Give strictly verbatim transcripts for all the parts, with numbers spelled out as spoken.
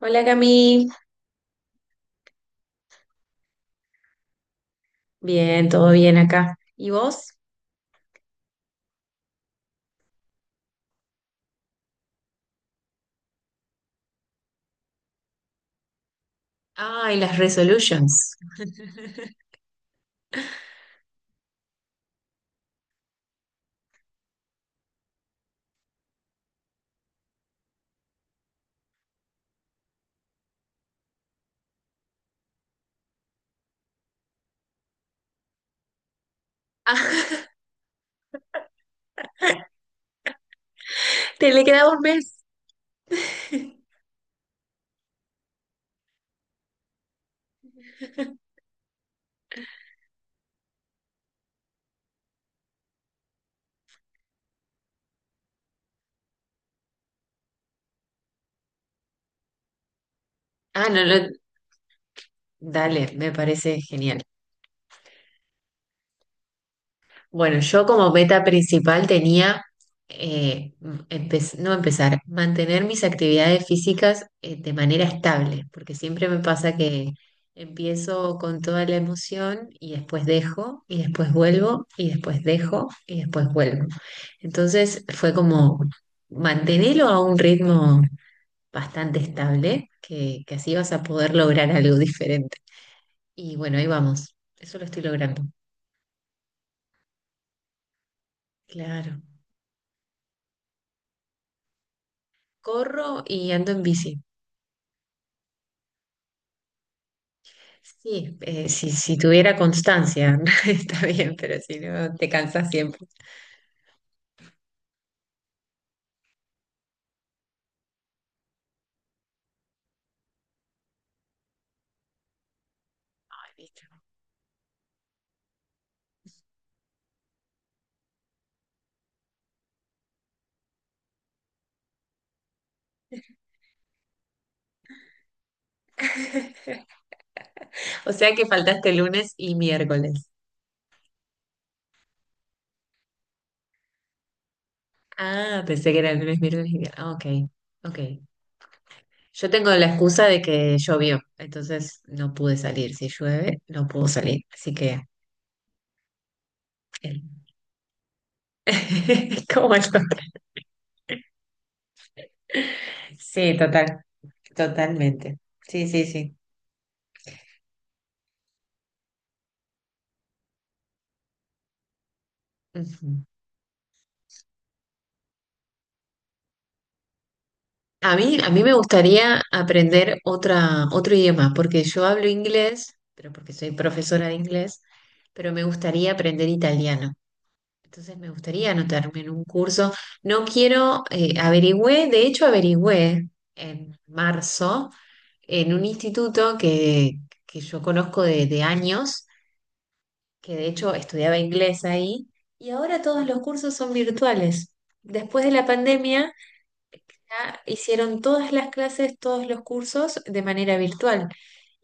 Hola Cami, bien, todo bien acá. ¿Y vos? Ay, las resolutions. Ah, te le queda un mes. Ah, no, no, dale, me parece genial. Bueno, yo como meta principal tenía, eh, empe- no empezar, mantener mis actividades físicas eh, de manera estable, porque siempre me pasa que empiezo con toda la emoción y después dejo, y después vuelvo, y después dejo, y después vuelvo. Entonces fue como mantenerlo a un ritmo bastante estable, que, que así vas a poder lograr algo diferente. Y bueno, ahí vamos, eso lo estoy logrando. Claro. Corro y ando en bici. Sí, eh, si, si tuviera constancia, está bien, pero si no, te cansas siempre. O sea que faltaste lunes y miércoles. Ah, pensé que era lunes, miércoles y viernes. Ah, ok, ok. Yo tengo la excusa de que llovió, entonces no pude salir. Si llueve, no puedo salir. Así que, eh, como el otro. Sí, total, totalmente. Sí, sí, sí. Ujú. A mí, a mí me gustaría aprender otra, otro idioma, porque yo hablo inglés, pero porque soy profesora de inglés, pero me gustaría aprender italiano. Entonces me gustaría anotarme en un curso. No quiero, eh, averigüé, de hecho averigüé en marzo en un instituto que, que yo conozco de, de años, que de hecho estudiaba inglés ahí, y ahora todos los cursos son virtuales. Después de la pandemia ya hicieron todas las clases, todos los cursos de manera virtual.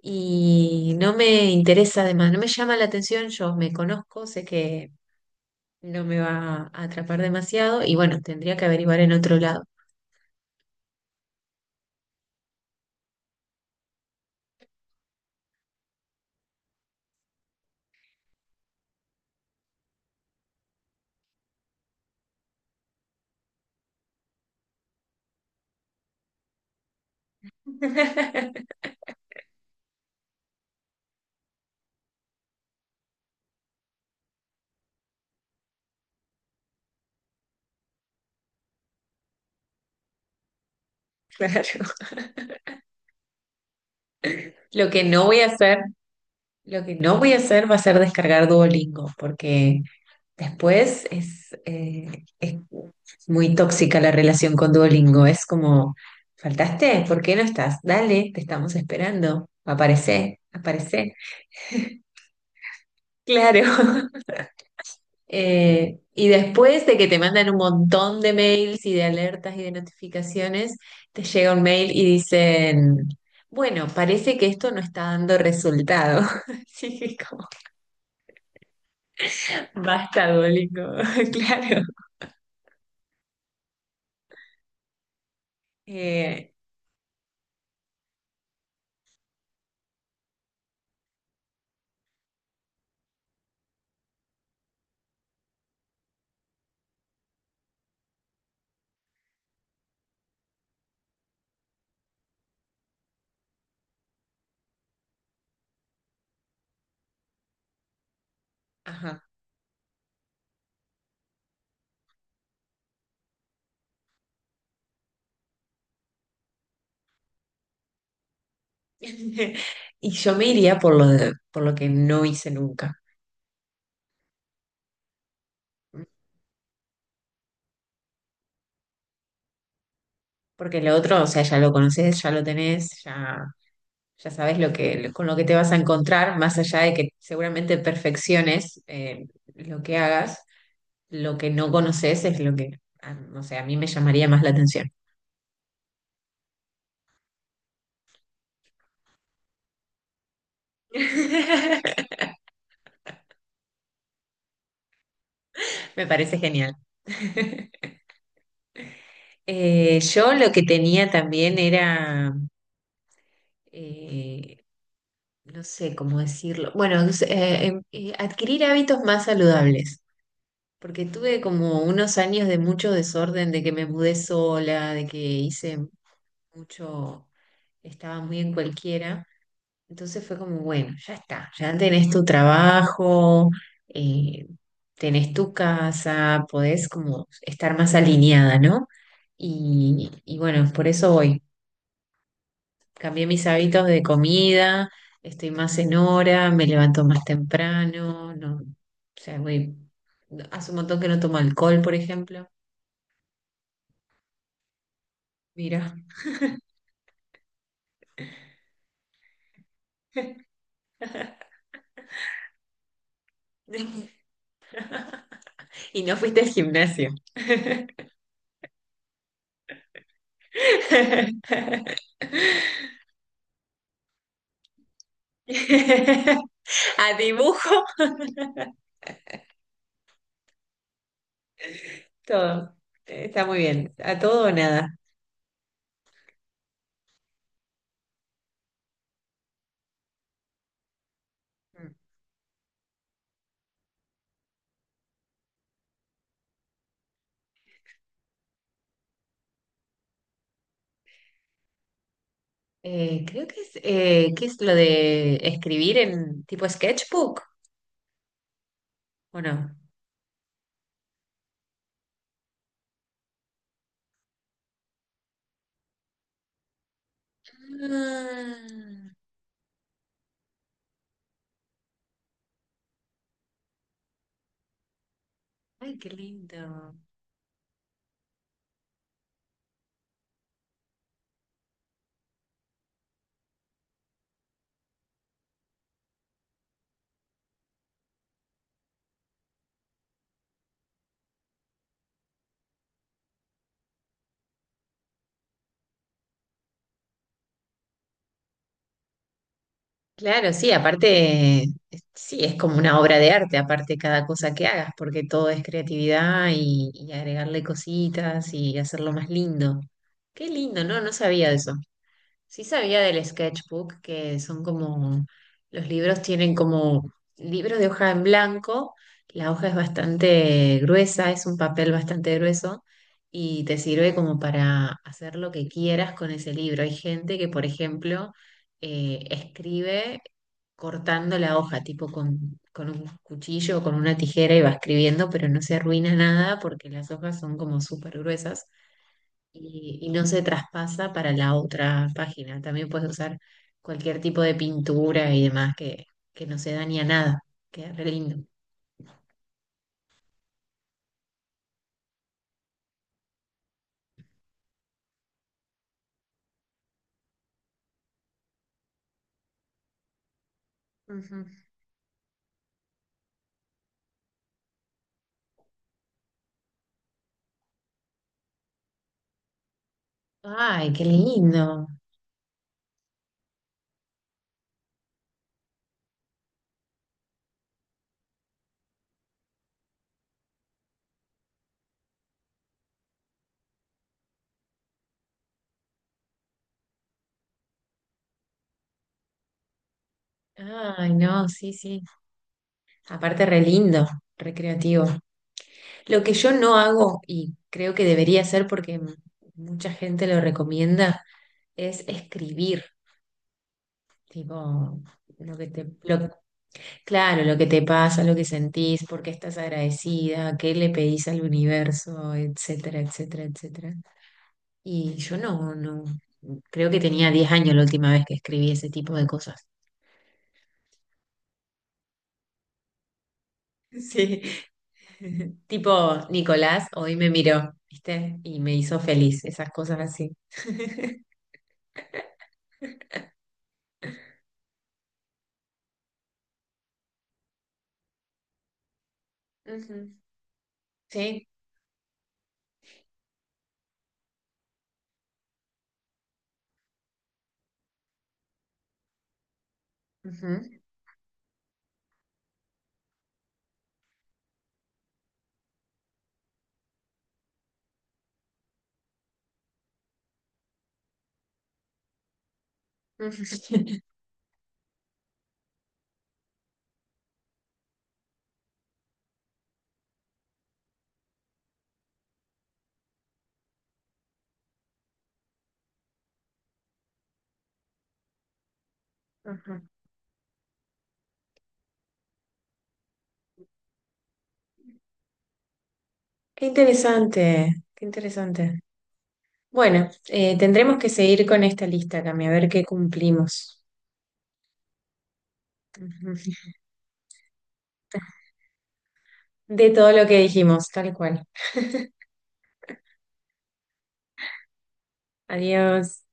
Y no me interesa, además, no me llama la atención, yo me conozco, sé que no me va a atrapar demasiado y bueno, tendría que averiguar en otro lado. Claro. Lo que no voy a hacer, lo que no voy a hacer va a ser descargar Duolingo, porque Después es, eh, es muy tóxica la relación con Duolingo. Es como, ¿faltaste? ¿Por qué no estás? Dale, te estamos esperando. Aparece, aparece. Claro. Eh, y después de que te mandan un montón de mails y de alertas y de notificaciones, te llega un mail y dicen, bueno, parece que esto no está dando resultado. Sí, como, basta, Duolingo. Claro. Eh, ajá. Y yo me iría por lo de- por lo que no hice nunca. Porque lo otro, o sea, ya lo conoces, ya lo tenés, ya, ya sabes lo que, lo- con lo que te vas a encontrar, más allá de que seguramente perfecciones eh, lo que hagas, lo que no conoces es lo que, ah, no sé, a mí me llamaría más la atención. Me parece genial. Eh, yo lo que tenía también era, eh, no sé cómo decirlo. Bueno, es, eh, em- eh, adquirir hábitos más saludables, porque tuve como unos años de mucho desorden, de que me mudé sola, de que hice mucho, estaba muy en cualquiera. Entonces fue como, bueno, ya está, ya tenés tu trabajo, eh, tenés tu casa, podés como estar más alineada, ¿no? Y, y bueno, por eso voy. Cambié mis hábitos de comida, estoy más en hora, me levanto más temprano, no, o sea, voy- hace un montón que no tomo alcohol, por ejemplo. Mira. Y no fuiste al gimnasio. A dibujo, todo. Está muy bien. A todo o nada. Eh, creo que es, eh, ¿qué es lo de escribir en tipo sketchbook o no? Ah, ay, qué lindo. Claro, sí, aparte, es- sí, es como una obra de arte, aparte cada cosa que hagas, porque todo es creatividad y, y agregarle cositas y hacerlo más lindo. Qué lindo, ¿no? No sabía de eso. Sí sabía del sketchbook, que son como, los libros tienen como libros de hoja en blanco, la hoja es bastante gruesa, es un papel bastante grueso y te sirve como para hacer lo que quieras con ese libro. Hay gente que, por ejemplo, eh, escribe cortando la hoja, tipo con, con un cuchillo o con una tijera y va escribiendo, pero no se arruina nada porque las hojas son como súper gruesas y, y no se traspasa para la otra página. También puedes usar cualquier tipo de pintura y demás que, que no se daña nada. Queda re lindo. Ujú. Ay, qué lindo. Ay, no, sí, sí. Aparte, re lindo, re creativo. Lo que yo no hago y creo que debería hacer porque m- mucha gente lo recomienda es escribir. Tipo, lo que te, lo- claro, lo que te pasa, lo que sentís, por qué estás agradecida, qué le pedís al universo, etcétera, etcétera, etcétera. Y yo no, no, creo que tenía diez años la última vez que escribí ese tipo de cosas. Sí. Tipo, Nicolás hoy me miró, ¿viste? Y me hizo feliz, esas cosas así. Ujú. Sí. Ujú, ujú, ujú. Qué interesante, qué interesante. Bueno, eh, tendremos que seguir con esta lista, Cami, a ver qué cumplimos. Ujú. De todo lo que dijimos, tal cual. Adiós.